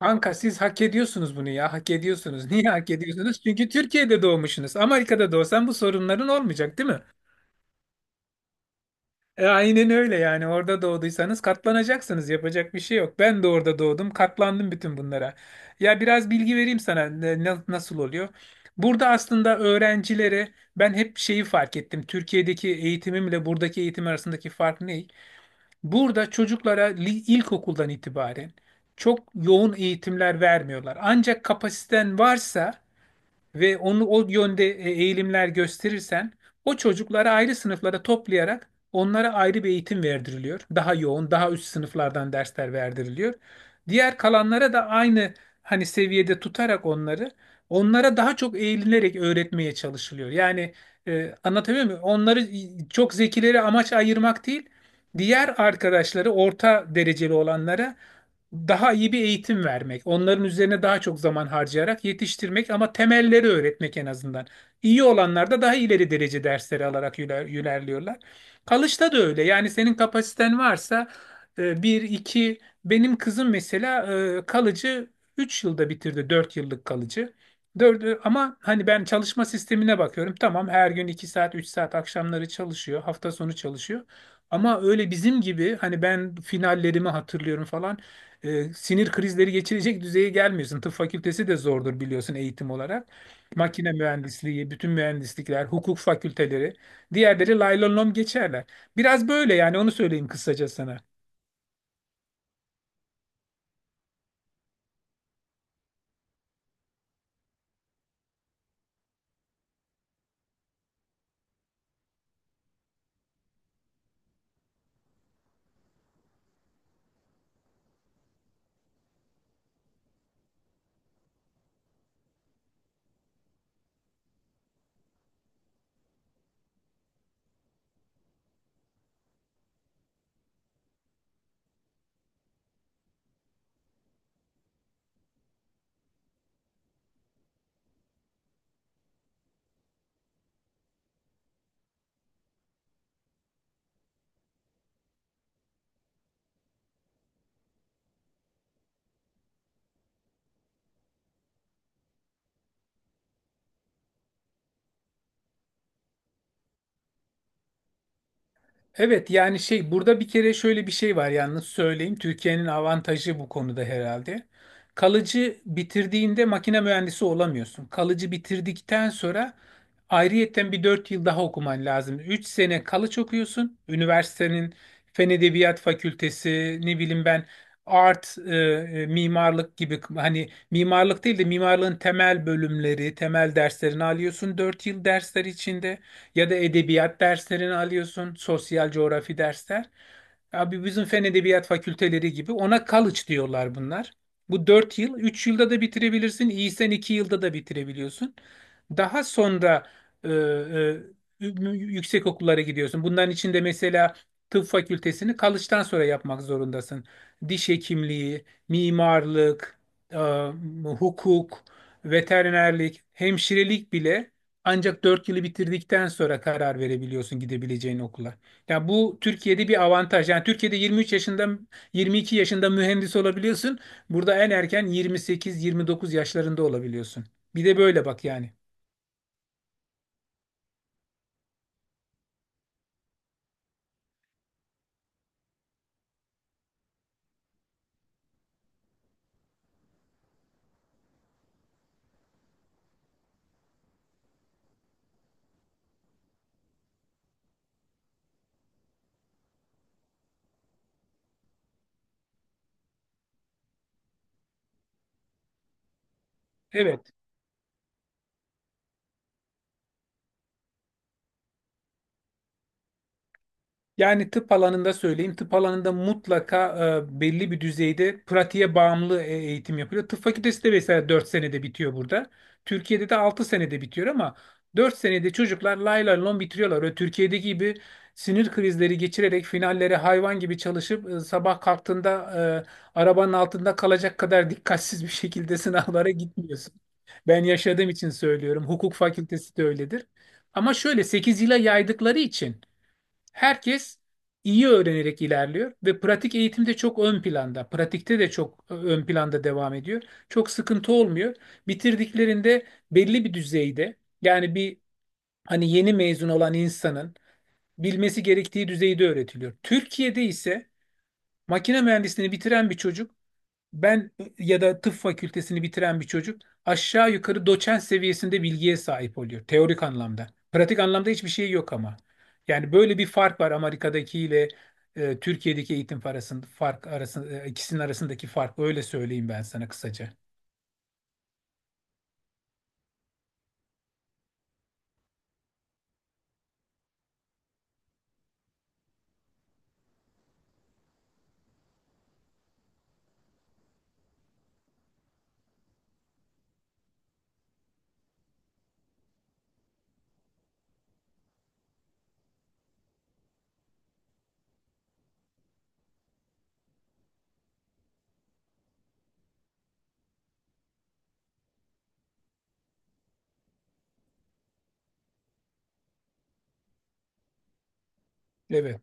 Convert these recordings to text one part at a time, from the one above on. Kanka siz hak ediyorsunuz bunu ya. Hak ediyorsunuz. Niye hak ediyorsunuz? Çünkü Türkiye'de doğmuşsunuz. Amerika'da doğsan bu sorunların olmayacak, değil mi? Aynen öyle yani. Orada doğduysanız katlanacaksınız. Yapacak bir şey yok. Ben de orada doğdum. Katlandım bütün bunlara. Ya biraz bilgi vereyim sana nasıl oluyor. Burada aslında öğrencilere ben hep şeyi fark ettim. Türkiye'deki eğitimimle buradaki eğitim arasındaki fark ne? Burada çocuklara ilkokuldan itibaren çok yoğun eğitimler vermiyorlar. Ancak kapasiten varsa ve onu o yönde eğilimler gösterirsen o çocukları ayrı sınıflara toplayarak onlara ayrı bir eğitim verdiriliyor. Daha yoğun, daha üst sınıflardan dersler verdiriliyor. Diğer kalanlara da aynı hani seviyede tutarak onları onlara daha çok eğilinerek öğretmeye çalışılıyor. Yani anlatabiliyor muyum? Onları çok zekileri amaç ayırmak değil, diğer arkadaşları orta dereceli olanlara daha iyi bir eğitim vermek, onların üzerine daha çok zaman harcayarak yetiştirmek ama temelleri öğretmek en azından. İyi olanlar da daha ileri derece dersleri alarak ilerliyorlar. Kalışta da öyle. Yani senin kapasiten varsa e, bir, iki, benim kızım mesela kalıcı 3 yılda bitirdi 4 yıllık kalıcı. Dördü, ama hani ben çalışma sistemine bakıyorum. Tamam her gün 2 saat 3 saat akşamları çalışıyor, hafta sonu çalışıyor. Ama öyle bizim gibi hani ben finallerimi hatırlıyorum falan sinir krizleri geçirecek düzeye gelmiyorsun. Tıp fakültesi de zordur biliyorsun eğitim olarak. Makine mühendisliği, bütün mühendislikler, hukuk fakülteleri. Diğerleri lay lom lom geçerler. Biraz böyle yani onu söyleyeyim kısaca sana. Evet yani şey burada bir kere şöyle bir şey var yalnız söyleyeyim. Türkiye'nin avantajı bu konuda herhalde. Kalıcı bitirdiğinde makine mühendisi olamıyorsun. Kalıcı bitirdikten sonra ayrıyetten bir 4 yıl daha okuman lazım. 3 sene kalıç okuyorsun. Üniversitenin Fen Edebiyat Fakültesi ne bileyim ben mimarlık gibi hani mimarlık değil de mimarlığın temel bölümleri, temel derslerini alıyorsun 4 yıl dersler içinde. Ya da edebiyat derslerini alıyorsun, sosyal coğrafi dersler. Abi bizim fen edebiyat fakülteleri gibi ona college diyorlar bunlar. Bu 4 yıl, 3 yılda da bitirebilirsin, iyisen 2 yılda da bitirebiliyorsun. Daha sonra yüksek okullara gidiyorsun. Bunların içinde mesela tıp fakültesini college'dan sonra yapmak zorundasın. Diş hekimliği, mimarlık, e, hukuk, veterinerlik, hemşirelik bile ancak 4 yılı bitirdikten sonra karar verebiliyorsun gidebileceğin okula. Ya bu Türkiye'de bir avantaj. Yani Türkiye'de 23 yaşında, 22 yaşında mühendis olabiliyorsun. Burada en erken 28-29 yaşlarında olabiliyorsun. Bir de böyle bak yani. Evet. Yani tıp alanında söyleyeyim. Tıp alanında mutlaka belli bir düzeyde pratiğe bağımlı eğitim yapılıyor. Tıp fakültesi de mesela 4 senede bitiyor burada. Türkiye'de de 6 senede bitiyor ama 4 senede çocuklar lay lay lon bitiriyorlar. Öyle Türkiye'deki gibi sinir krizleri geçirerek finallere hayvan gibi çalışıp sabah kalktığında arabanın altında kalacak kadar dikkatsiz bir şekilde sınavlara gitmiyorsun. Ben yaşadığım için söylüyorum. Hukuk fakültesi de öyledir. Ama şöyle 8 yıla yaydıkları için herkes iyi öğrenerek ilerliyor ve pratik eğitimde çok ön planda, pratikte de çok ön planda devam ediyor. Çok sıkıntı olmuyor. Bitirdiklerinde belli bir düzeyde yani bir hani yeni mezun olan insanın bilmesi gerektiği düzeyde öğretiliyor. Türkiye'de ise makine mühendisliğini bitiren bir çocuk ben ya da tıp fakültesini bitiren bir çocuk aşağı yukarı doçent seviyesinde bilgiye sahip oluyor teorik anlamda. Pratik anlamda hiçbir şey yok ama. Yani böyle bir fark var Amerika'daki ile Türkiye'deki eğitim arasında fark arasında ikisinin arasındaki fark öyle söyleyeyim ben sana kısaca. Evet.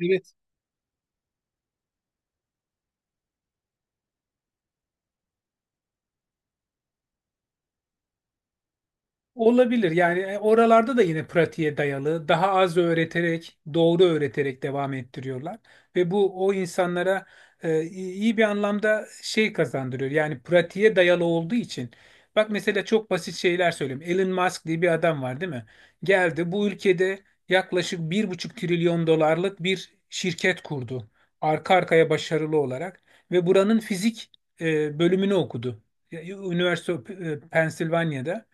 Evet. Olabilir. Yani oralarda da yine pratiğe dayalı, daha az öğreterek, doğru öğreterek devam ettiriyorlar ve bu o insanlara iyi iyi bir anlamda şey kazandırıyor. Yani pratiğe dayalı olduğu için. Bak mesela çok basit şeyler söyleyeyim. Elon Musk diye bir adam var, değil mi? Geldi bu ülkede yaklaşık 1,5 trilyon dolarlık bir şirket kurdu. Arka arkaya başarılı olarak ve buranın fizik bölümünü okudu. Üniversite Pensilvanya'da.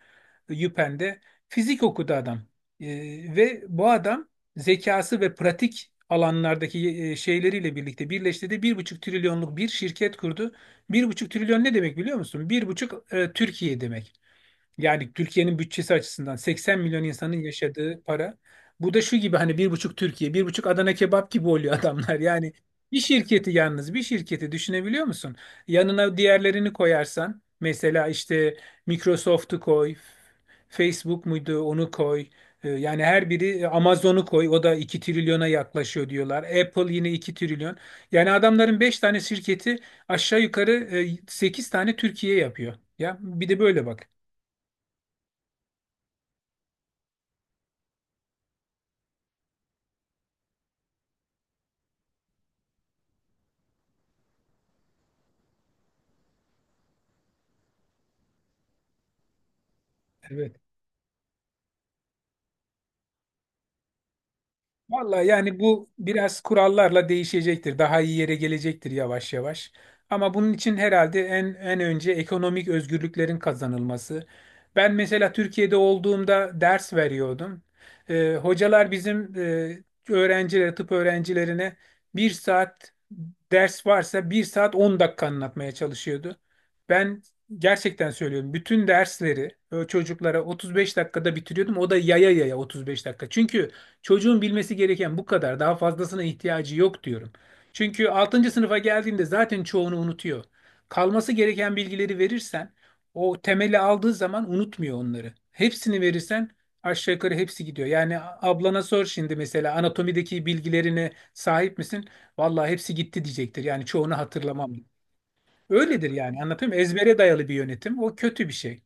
Yüpen'de fizik okudu adam. E, ve bu adam zekası ve pratik alanlardaki şeyleriyle birlikte birleştirdi. 1,5 trilyonluk bir şirket kurdu. 1,5 trilyon ne demek biliyor musun? Bir buçuk Türkiye demek. Yani Türkiye'nin bütçesi açısından 80 milyon insanın yaşadığı para. Bu da şu gibi hani bir buçuk Türkiye, bir buçuk Adana kebap gibi oluyor adamlar. Yani bir şirketi yalnız bir şirketi düşünebiliyor musun? Yanına diğerlerini koyarsan mesela işte Microsoft'u koy, Facebook muydu onu koy. Yani her biri Amazon'u koy o da 2 trilyona yaklaşıyor diyorlar. Apple yine 2 trilyon. Yani adamların 5 tane şirketi aşağı yukarı 8 tane Türkiye yapıyor. Ya bir de böyle bak. Evet. Vallahi yani bu biraz kurallarla değişecektir. Daha iyi yere gelecektir yavaş yavaş. Ama bunun için herhalde en önce ekonomik özgürlüklerin kazanılması. Ben mesela Türkiye'de olduğumda ders veriyordum. Hocalar bizim öğrencilere, tıp öğrencilerine 1 saat ders varsa 1 saat 10 dakika anlatmaya çalışıyordu. Ben gerçekten söylüyorum. Bütün dersleri çocuklara 35 dakikada bitiriyordum. O da yaya yaya 35 dakika. Çünkü çocuğun bilmesi gereken bu kadar. Daha fazlasına ihtiyacı yok diyorum. Çünkü altıncı sınıfa geldiğinde zaten çoğunu unutuyor. Kalması gereken bilgileri verirsen o temeli aldığı zaman unutmuyor onları. Hepsini verirsen aşağı yukarı hepsi gidiyor. Yani ablana sor şimdi mesela anatomideki bilgilerine sahip misin? Vallahi hepsi gitti diyecektir. Yani çoğunu hatırlamam. Öyledir yani anlatayım mı? Ezbere dayalı bir yönetim. O kötü bir şey.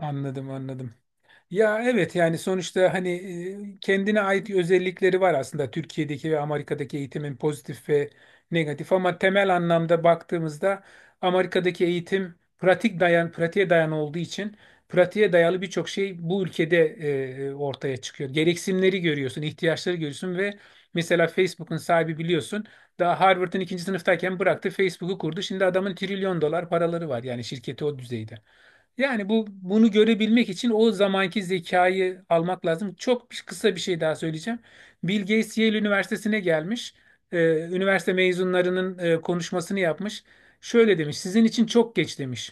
Anladım anladım. Ya evet yani sonuçta hani kendine ait özellikleri var aslında Türkiye'deki ve Amerika'daki eğitimin pozitif ve negatif ama temel anlamda baktığımızda Amerika'daki eğitim pratik dayan pratiğe dayan olduğu için pratiğe dayalı birçok şey bu ülkede ortaya çıkıyor. Gereksinimleri görüyorsun, ihtiyaçları görüyorsun ve mesela Facebook'un sahibi biliyorsun daha Harvard'ın ikinci sınıftayken bıraktı Facebook'u kurdu. Şimdi adamın trilyon dolar paraları var yani şirketi o düzeyde. Yani bu bunu görebilmek için o zamanki zekayı almak lazım. Çok kısa bir şey daha söyleyeceğim. Bill Gates Yale Üniversitesi'ne gelmiş. Ee, üniversite mezunlarının konuşmasını yapmış. Şöyle demiş, sizin için çok geç demiş.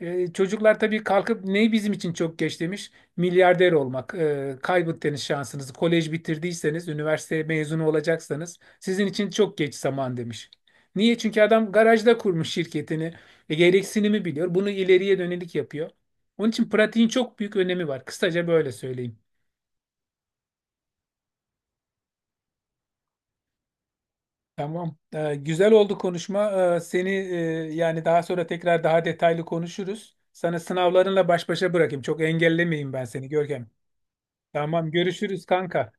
Çocuklar tabii kalkıp ne bizim için çok geç demiş? Milyarder olmak. Kaybettiniz şansınızı. Kolej bitirdiyseniz, üniversite mezunu olacaksanız sizin için çok geç zaman demiş. Niye? Çünkü adam garajda kurmuş şirketini. Gereksinimi biliyor. Bunu ileriye dönelik yapıyor. Onun için pratiğin çok büyük önemi var. Kısaca böyle söyleyeyim. Tamam. Güzel oldu konuşma. Seni yani daha sonra tekrar daha detaylı konuşuruz. Sana sınavlarınla baş başa bırakayım. Çok engellemeyeyim ben seni Görkem. Tamam görüşürüz kanka.